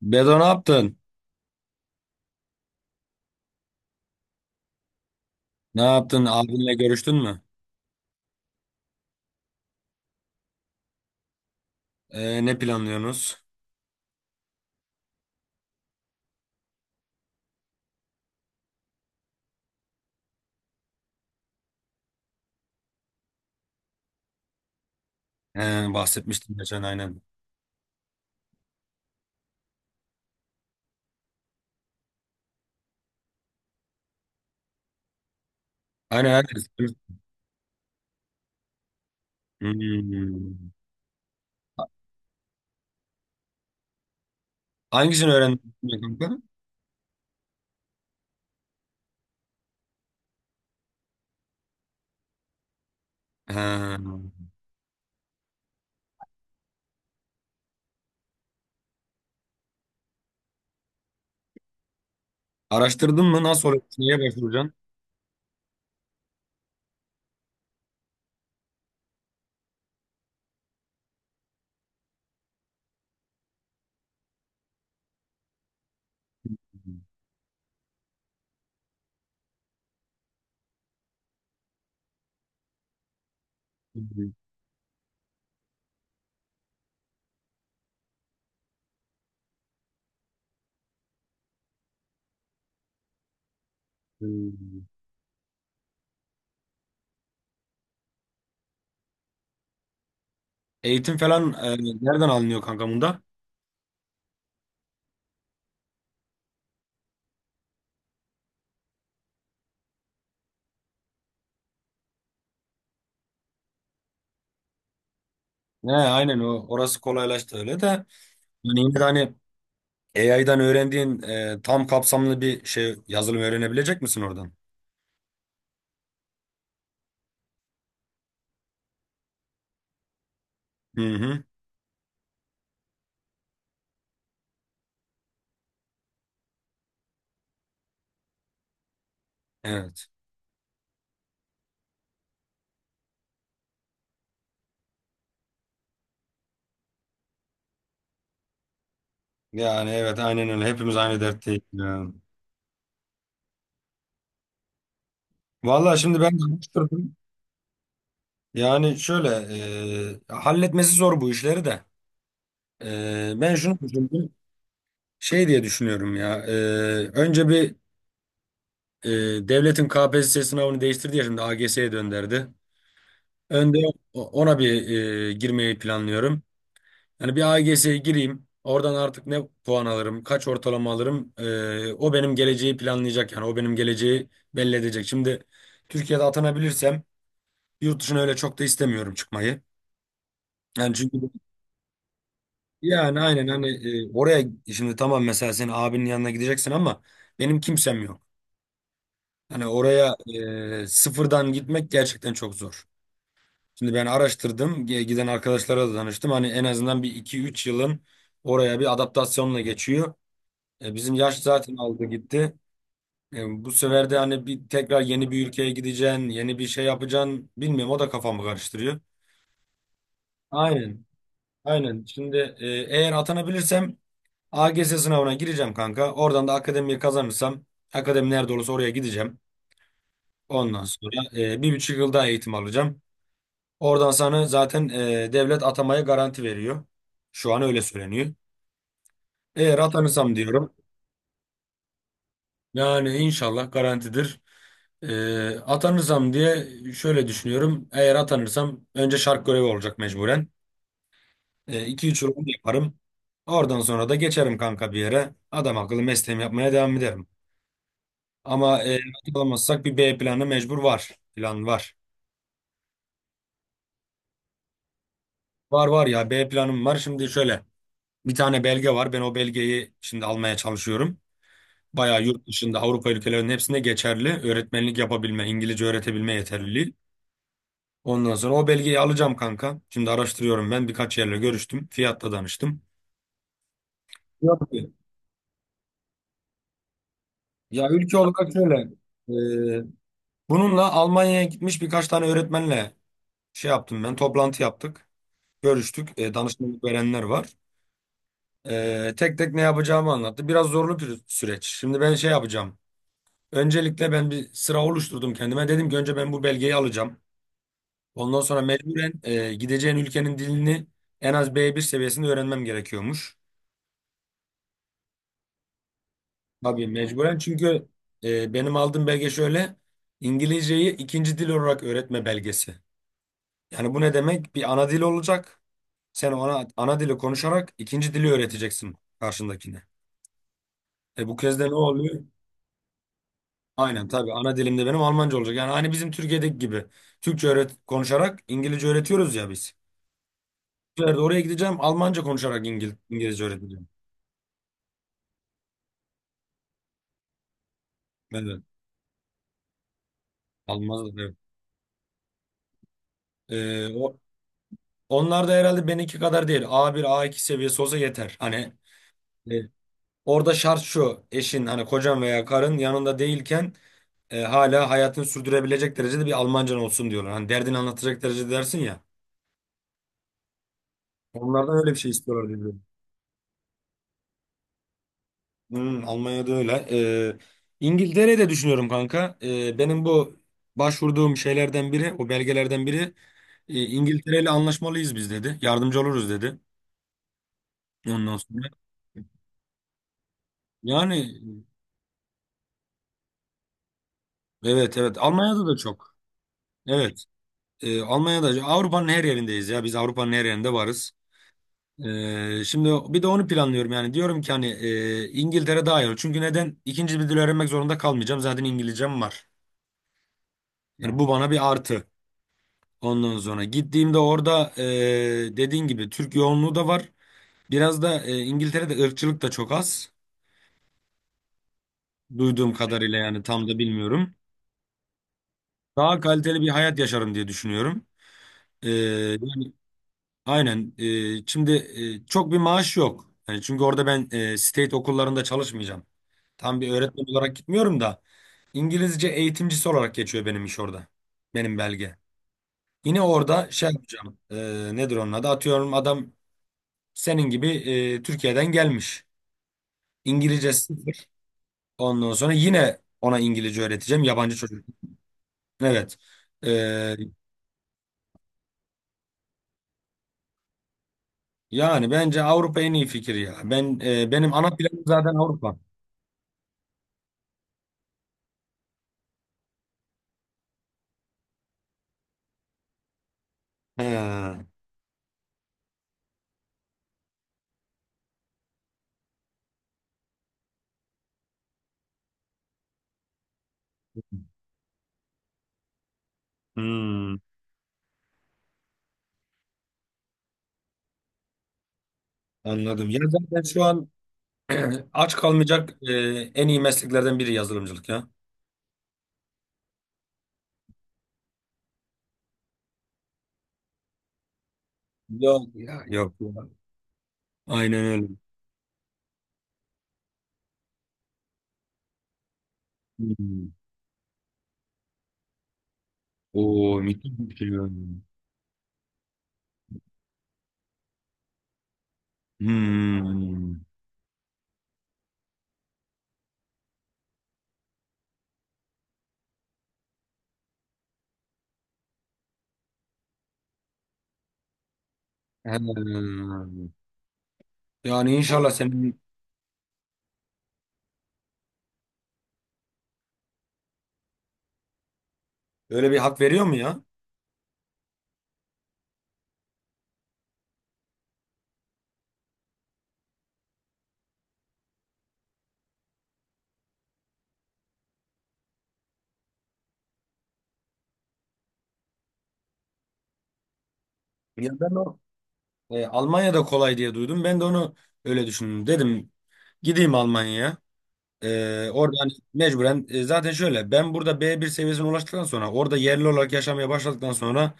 Bedo ne yaptın? Ne yaptın? Abinle görüştün mü? Ne planlıyorsunuz? Bahsetmiştin geçen aynen. Aynen herkes. Hmm. Hangisini öğrendin kanka? Ha. Araştırdın mı? Nasıl oluyor? Neye başvuracaksın? Hmm. Eğitim falan nereden alınıyor kanka bunda? He, aynen o. Orası kolaylaştı öyle de. Yani yine de hani AI'dan öğrendiğin tam kapsamlı bir şey yazılım öğrenebilecek misin oradan? Hı hı. Evet. Yani evet aynen öyle. Hepimiz aynı dertteyiz ya. Vallahi şimdi ben de araştırdım. Yani şöyle halletmesi zor bu işleri de. Ben şunu düşündüm. Şey diye düşünüyorum ya. Önce bir e, devletin KPSS sınavını değiştirdi ya şimdi AGS'ye dönderdi. Önde ona bir girmeyi planlıyorum. Yani bir AGS'ye gireyim. Oradan artık ne puan alırım, kaç ortalama alırım. O benim geleceği planlayacak yani. O benim geleceği belli edecek. Şimdi Türkiye'de atanabilirsem yurt dışına öyle çok da istemiyorum çıkmayı. Yani çünkü yani aynen hani oraya şimdi tamam, mesela senin abinin yanına gideceksin, ama benim kimsem yok. Hani oraya sıfırdan gitmek gerçekten çok zor. Şimdi ben araştırdım, giden arkadaşlara da danıştım. Hani en azından bir iki üç yılın oraya bir adaptasyonla geçiyor. Bizim yaş zaten aldı gitti. Bu sefer de hani bir tekrar yeni bir ülkeye gideceksin, yeni bir şey yapacaksın. Bilmiyorum, o da kafamı karıştırıyor. Aynen. Aynen. Şimdi eğer atanabilirsem AGS sınavına gireceğim kanka. Oradan da akademiyi kazanırsam akademi nerede olursa oraya gideceğim. Ondan sonra 1,5 yıl daha eğitim alacağım. Oradan sana zaten devlet atamaya garanti veriyor. Şu an öyle söyleniyor. Eğer atanırsam diyorum. Yani inşallah garantidir. Atanırsam diye şöyle düşünüyorum. Eğer atanırsam önce şark görevi olacak mecburen. 2 üç yıl onu yaparım. Oradan sonra da geçerim kanka bir yere. Adam akıllı mesleğimi yapmaya devam ederim. Ama not alamazsak bir B planı mecbur var. Plan var. Var var ya, B planım var. Şimdi şöyle, bir tane belge var. Ben o belgeyi şimdi almaya çalışıyorum. Bayağı yurt dışında Avrupa ülkelerinin hepsinde geçerli. Öğretmenlik yapabilme, İngilizce öğretebilme yeterliliği. Ondan sonra o belgeyi alacağım kanka. Şimdi araştırıyorum ben. Birkaç yerle görüştüm. Fiyatla danıştım. Yok ki. Ya ülke olarak şöyle. e, Bununla Almanya'ya gitmiş birkaç tane öğretmenle şey yaptım ben. Toplantı yaptık. Görüştük. Danışmanlık verenler var. Tek tek ne yapacağımı anlattı. Biraz zorlu bir süreç. Şimdi ben şey yapacağım. Öncelikle ben bir sıra oluşturdum kendime. Dedim ki önce ben bu belgeyi alacağım. Ondan sonra mecburen gideceğin ülkenin dilini en az B1 seviyesinde öğrenmem gerekiyormuş. Tabii mecburen, çünkü benim aldığım belge şöyle. İngilizceyi ikinci dil olarak öğretme belgesi. Yani bu ne demek? Bir ana dil olacak. Sen ona ana dili konuşarak ikinci dili öğreteceksin karşındakine. E, bu kez de ne oluyor? Aynen, tabii ana dilimde benim Almanca olacak. Yani hani bizim Türkiye'deki gibi Türkçe öğret konuşarak İngilizce öğretiyoruz ya biz. Bir yerde oraya gideceğim, Almanca konuşarak İngilizce öğreteceğim. Evet. Almaz da, evet. Ee, o, onlar da herhalde benimki kadar değil. A bir A iki seviyesi olsa yeter. Hani e, orada şart şu, eşin, hani kocan veya karın yanında değilken hala hayatını sürdürebilecek derecede bir Almancan olsun diyorlar. Hani derdini anlatacak derecede dersin ya. Onlardan öyle bir şey istiyorlar diye. Hmm, Almanya'da öyle. İngiltere'de düşünüyorum kanka. Benim bu başvurduğum şeylerden biri, o belgelerden biri, İngiltere ile anlaşmalıyız biz dedi. Yardımcı oluruz dedi. Ondan sonra. Yani evet evet, Almanya'da da çok. Evet. Almanya'da Avrupa'nın her yerindeyiz ya. Biz Avrupa'nın her yerinde varız. Şimdi bir de onu planlıyorum yani. Diyorum ki hani İngiltere daha iyi olur. Çünkü neden? İkinci bir dil öğrenmek zorunda kalmayacağım. Zaten İngilizcem var. Yani bu bana bir artı. Ondan sonra gittiğimde orada dediğin gibi Türk yoğunluğu da var. Biraz da İngiltere'de ırkçılık da çok az. Duyduğum kadarıyla, yani tam da bilmiyorum. Daha kaliteli bir hayat yaşarım diye düşünüyorum. E, yani aynen. Şimdi çok bir maaş yok. Yani çünkü orada ben state okullarında çalışmayacağım. Tam bir öğretmen olarak gitmiyorum da, İngilizce eğitimcisi olarak geçiyor benim iş orada. Benim belge. Yine orada şey yapacağım. Nedir onun adı? Atıyorum, adam senin gibi Türkiye'den gelmiş. İngilizce sıfır. Ondan sonra yine ona İngilizce öğreteceğim. Yabancı çocuk. Evet. E, yani bence Avrupa en iyi fikir ya. Ben benim ana planım zaten Avrupa. He, hmm, anladım. Ya zaten şu an aç kalmayacak en iyi mesleklerden biri yazılımcılık ya. Yok ya. Yok ya. Aynen öyle. Hmm. Oo, müthiş bir şey. Hmm. He. Yani inşallah senin. Öyle bir hak veriyor mu ya? Ya ben o, Almanya'da kolay diye duydum. Ben de onu öyle düşündüm. Dedim gideyim Almanya'ya. Orada hani mecburen zaten şöyle, ben burada B1 seviyesine ulaştıktan sonra orada yerli olarak yaşamaya başladıktan sonra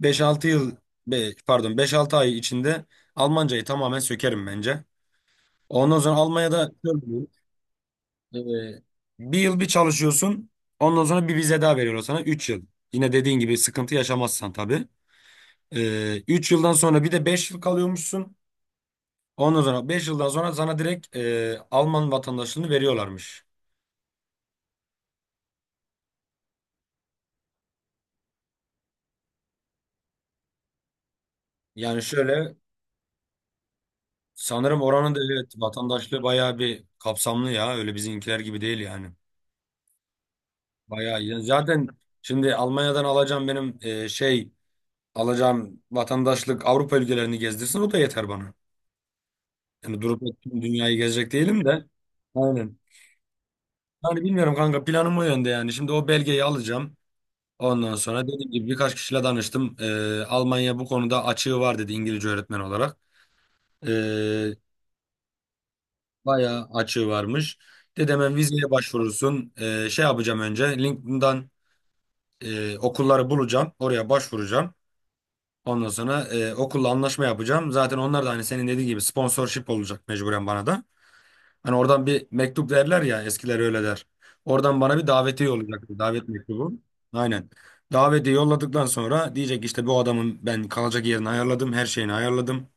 beş altı yıl, pardon beş altı ay içinde Almancayı tamamen sökerim bence. Ondan sonra Almanya'da şöyle diyeyim, bir yıl bir çalışıyorsun. Ondan sonra bir vize daha veriyorlar sana 3 yıl. Yine dediğin gibi sıkıntı yaşamazsan tabii. 3 yıldan sonra bir de 5 yıl kalıyormuşsun. Ondan sonra 5 yıldan sonra sana direkt Alman vatandaşlığını veriyorlarmış. Yani şöyle, sanırım oranın da evet vatandaşlığı bayağı bir kapsamlı ya. Öyle bizimkiler gibi değil yani. Bayağı iyi. Zaten şimdi Almanya'dan alacağım benim şey, alacağım vatandaşlık Avrupa ülkelerini gezdirsin, o da yeter bana. Yani durup da tüm dünyayı gezecek değilim de. Aynen. Yani bilmiyorum kanka, planım o yönde yani. Şimdi o belgeyi alacağım. Ondan sonra dediğim gibi birkaç kişiyle danıştım. Almanya bu konuda açığı var dedi, İngilizce öğretmen olarak. Ee, bayağı açığı varmış. Dedi hemen vizeye başvurursun. Şey yapacağım, önce LinkedIn'dan okulları bulacağım. Oraya başvuracağım. Ondan sonra okulla anlaşma yapacağım. Zaten onlar da hani senin dediğin gibi sponsorship olacak mecburen bana da. Hani oradan bir mektup derler ya, eskiler öyle der. Oradan bana bir davetiye olacak, bir davet mektubu. Aynen. Davetiye yolladıktan sonra diyecek işte, bu adamın ben kalacak yerini ayarladım. Her şeyini ayarladım.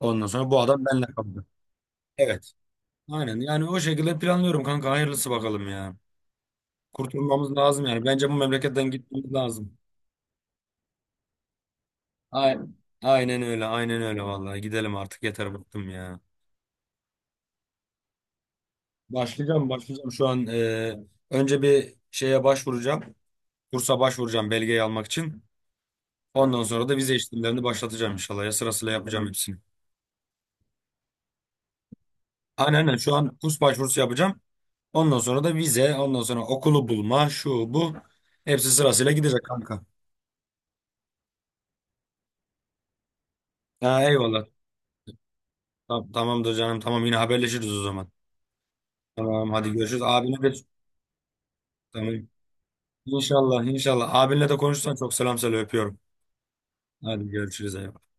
Ondan sonra bu adam benimle kaldı. Evet. Aynen, yani o şekilde planlıyorum kanka, hayırlısı bakalım ya. Kurtulmamız lazım yani. Bence bu memleketten gitmemiz lazım. Aynen. Aynen öyle, aynen öyle vallahi, gidelim artık, yeter bıktım ya. Başlayacağım, başlayacağım şu an önce bir şeye başvuracağım. Kursa başvuracağım, belgeyi almak için. Ondan sonra da vize işlemlerini başlatacağım inşallah. Ya sırasıyla yapacağım hepsini. Aynen, aynen, şu an kurs başvurusu yapacağım. Ondan sonra da vize, ondan sonra okulu bulma, şu bu. Hepsi sırasıyla gidecek kanka. Ha, eyvallah. Tamam, tamamdır canım, tamam, yine haberleşiriz o zaman. Tamam, hadi görüşürüz. Abine de tamam. İnşallah, inşallah. Abinle de konuşsan çok selam söyle, öpüyorum. Hadi görüşürüz, eyvallah.